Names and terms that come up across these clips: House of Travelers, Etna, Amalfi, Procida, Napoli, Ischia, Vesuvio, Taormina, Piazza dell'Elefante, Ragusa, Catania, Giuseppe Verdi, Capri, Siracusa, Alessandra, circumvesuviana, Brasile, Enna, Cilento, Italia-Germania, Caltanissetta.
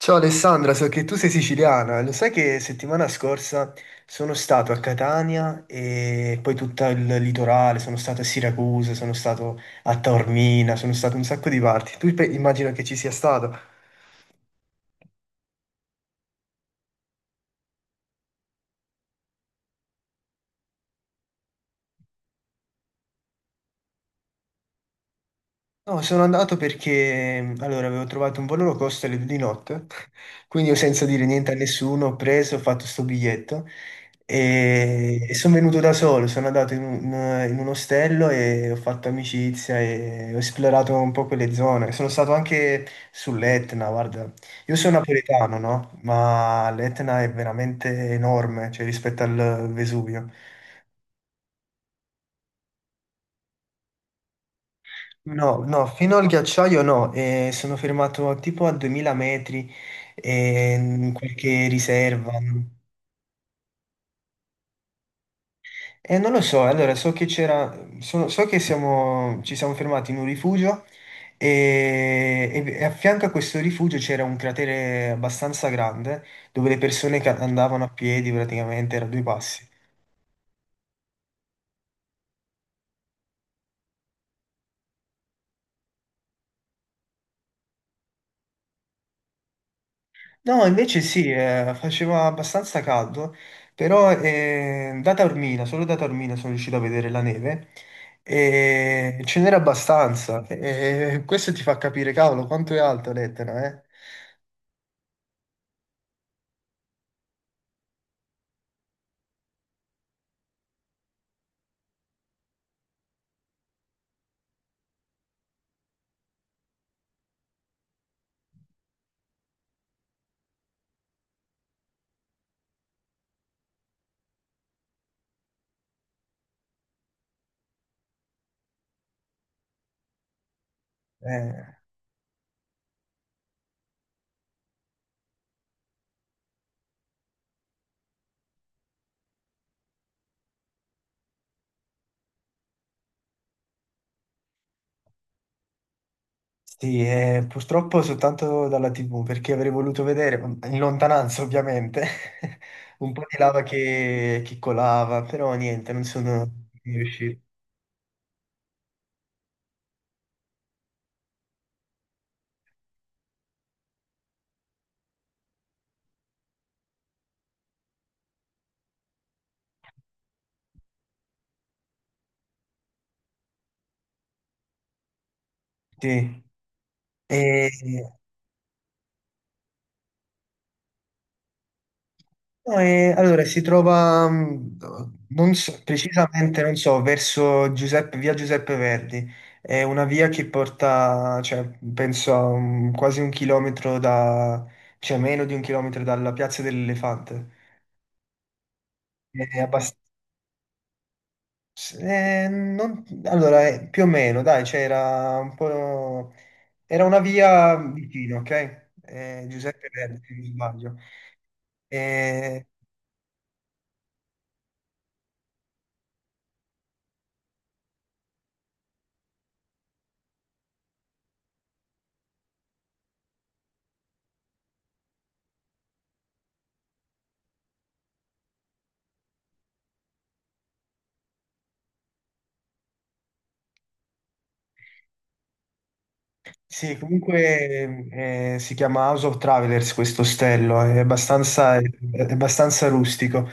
Ciao Alessandra, so che tu sei siciliana, lo sai che settimana scorsa sono stato a Catania e poi tutto il litorale, sono stato a Siracusa, sono stato a Taormina, sono stato in un sacco di parti. Immagino che ci sia stato. No, sono andato perché allora avevo trovato un volo low cost alle due di notte, quindi io senza dire niente a nessuno ho preso, ho fatto sto biglietto e sono venuto da solo, sono andato in un ostello e ho fatto amicizia e ho esplorato un po' quelle zone. Sono stato anche sull'Etna, guarda, io sono napoletano, no? Ma l'Etna è veramente enorme, cioè rispetto al Vesuvio. No, no, fino al ghiacciaio no, sono fermato tipo a 2000 metri in qualche riserva. E non lo so, allora so che c'era, so che ci siamo fermati in un rifugio e a fianco a questo rifugio c'era un cratere abbastanza grande dove le persone andavano a piedi praticamente, era due passi. No, invece sì, faceva abbastanza caldo, però solo da Taormina sono riuscito a vedere la neve e ce n'era abbastanza. E questo ti fa capire, cavolo, quanto è alto l'Etna, eh? Eh, sì, purtroppo soltanto dalla TV, perché avrei voluto vedere, in lontananza ovviamente, un po' di lava che colava, però niente, non sono riuscito. Sì. E. No, allora, si trova, non so- precisamente, non so, verso via Giuseppe Verdi. È una via che porta, cioè, penso a quasi un chilometro da, cioè meno di un chilometro dalla Piazza dell'Elefante. È abbast- non- Allora, più o meno, dai, c'era un po'. Era una via vicino, ok? Giuseppe Verdi, se non sbaglio. Sì, comunque si chiama House of Travelers questo ostello, è abbastanza rustico,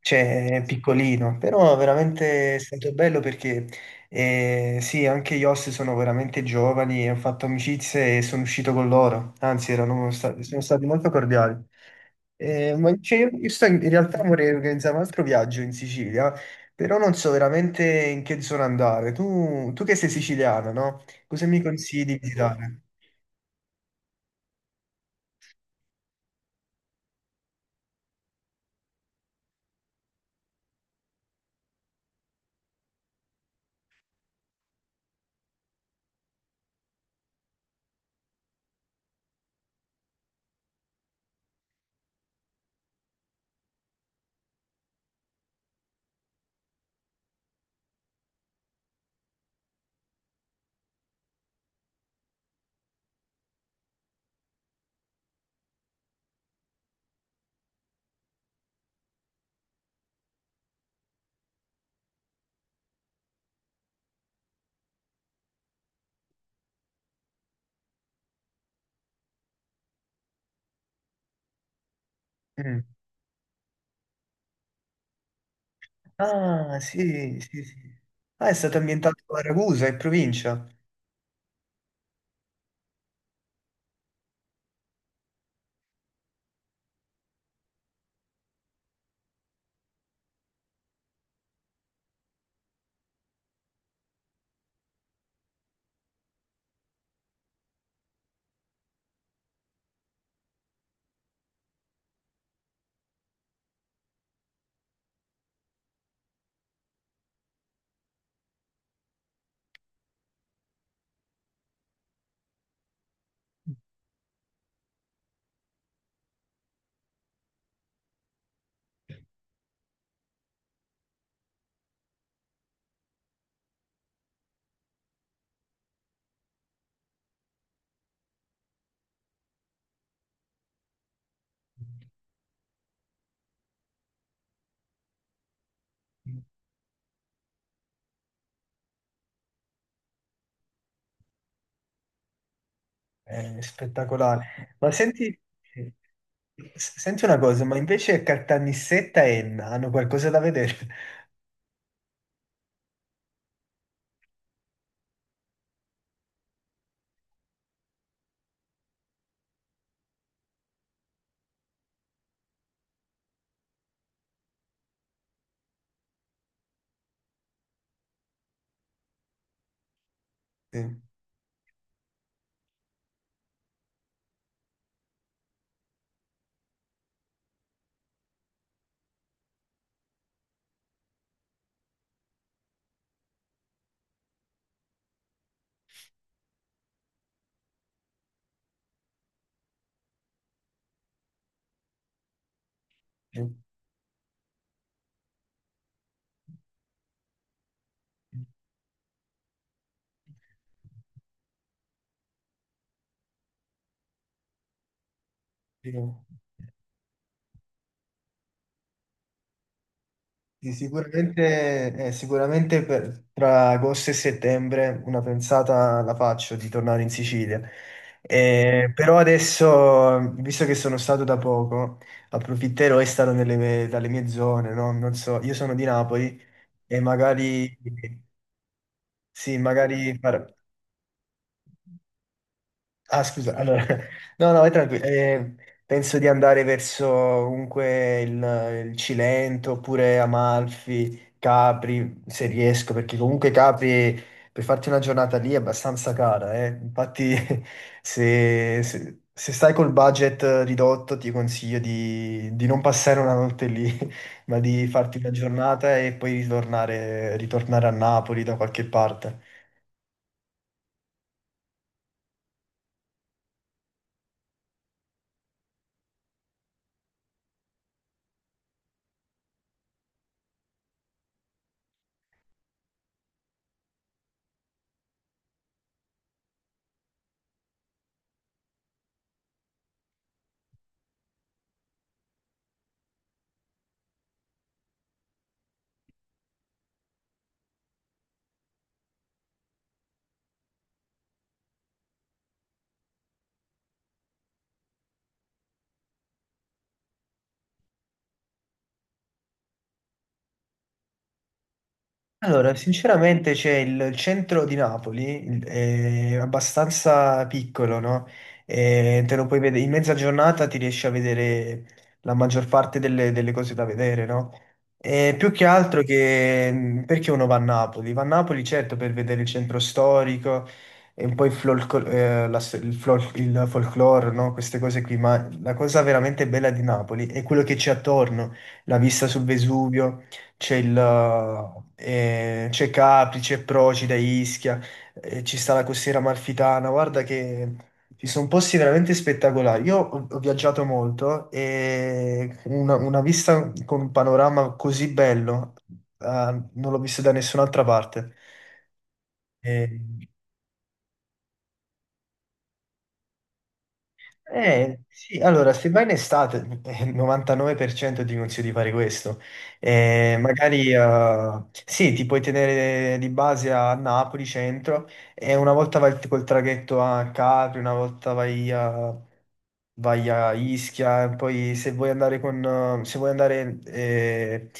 cioè è piccolino, però veramente è stato bello perché sì, anche gli host sono veramente giovani, e ho fatto amicizie e sono uscito con loro, anzi erano stati, sono stati molto cordiali. Ma cioè, io sto in realtà vorrei organizzare un altro viaggio in Sicilia, però non so veramente in che zona andare. Tu che sei siciliana, no? Cosa mi consigli di girare? Mm. Ah, sì, sì, sì. Ah, è stato ambientato a Ragusa, in provincia. È spettacolare. Ma senti, senti una cosa, ma invece Caltanissetta e Enna hanno qualcosa da vedere? Sì. Sì. Sì, sicuramente, tra agosto e settembre una pensata la faccio di tornare in Sicilia. Però adesso, visto che sono stato da poco, approfitterò e starò dalle mie zone, no? Non so, io sono di Napoli e magari, sì, Ah, scusa, allora, no, no, vai tranquillo. Penso di andare verso comunque il Cilento oppure Amalfi, Capri, se riesco, perché comunque Capri per farti una giornata lì è abbastanza cara, eh. Infatti, se stai col budget ridotto, ti consiglio di non passare una notte lì, ma di farti una giornata e poi ritornare a Napoli da qualche parte. Allora, sinceramente c'è il centro di Napoli, è abbastanza piccolo, no? E te lo puoi vedere, in mezza giornata ti riesci a vedere la maggior parte delle cose da vedere, no? E più che altro che perché uno va a Napoli? Va a Napoli certo per vedere il centro storico e un po' il, folco- la sto- il, flor- il folklore, no? Queste cose qui, ma la cosa veramente bella di Napoli è quello che c'è attorno, la vista sul Vesuvio c'è il, eh, c'è Capri, c'è Procida, Ischia, ci sta la costiera amalfitana. Guarda che ci sono posti veramente spettacolari. Io ho viaggiato molto e una vista con un panorama così bello, eh, non l'ho visto da nessun'altra parte. Eh, Eh, sì, allora, se vai in estate, il 99% ti consiglio di fare questo. Magari, sì, ti puoi tenere di base a Napoli centro e una volta vai col traghetto a Capri, una volta vai a Ischia, e poi se vuoi andare eh, se vuoi andare, eh,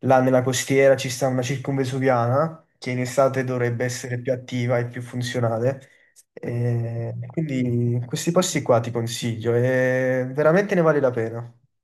là nella costiera ci sta una circumvesuviana, che in estate dovrebbe essere più attiva e più funzionale. E quindi questi posti qua ti consiglio, e veramente ne vale la pena.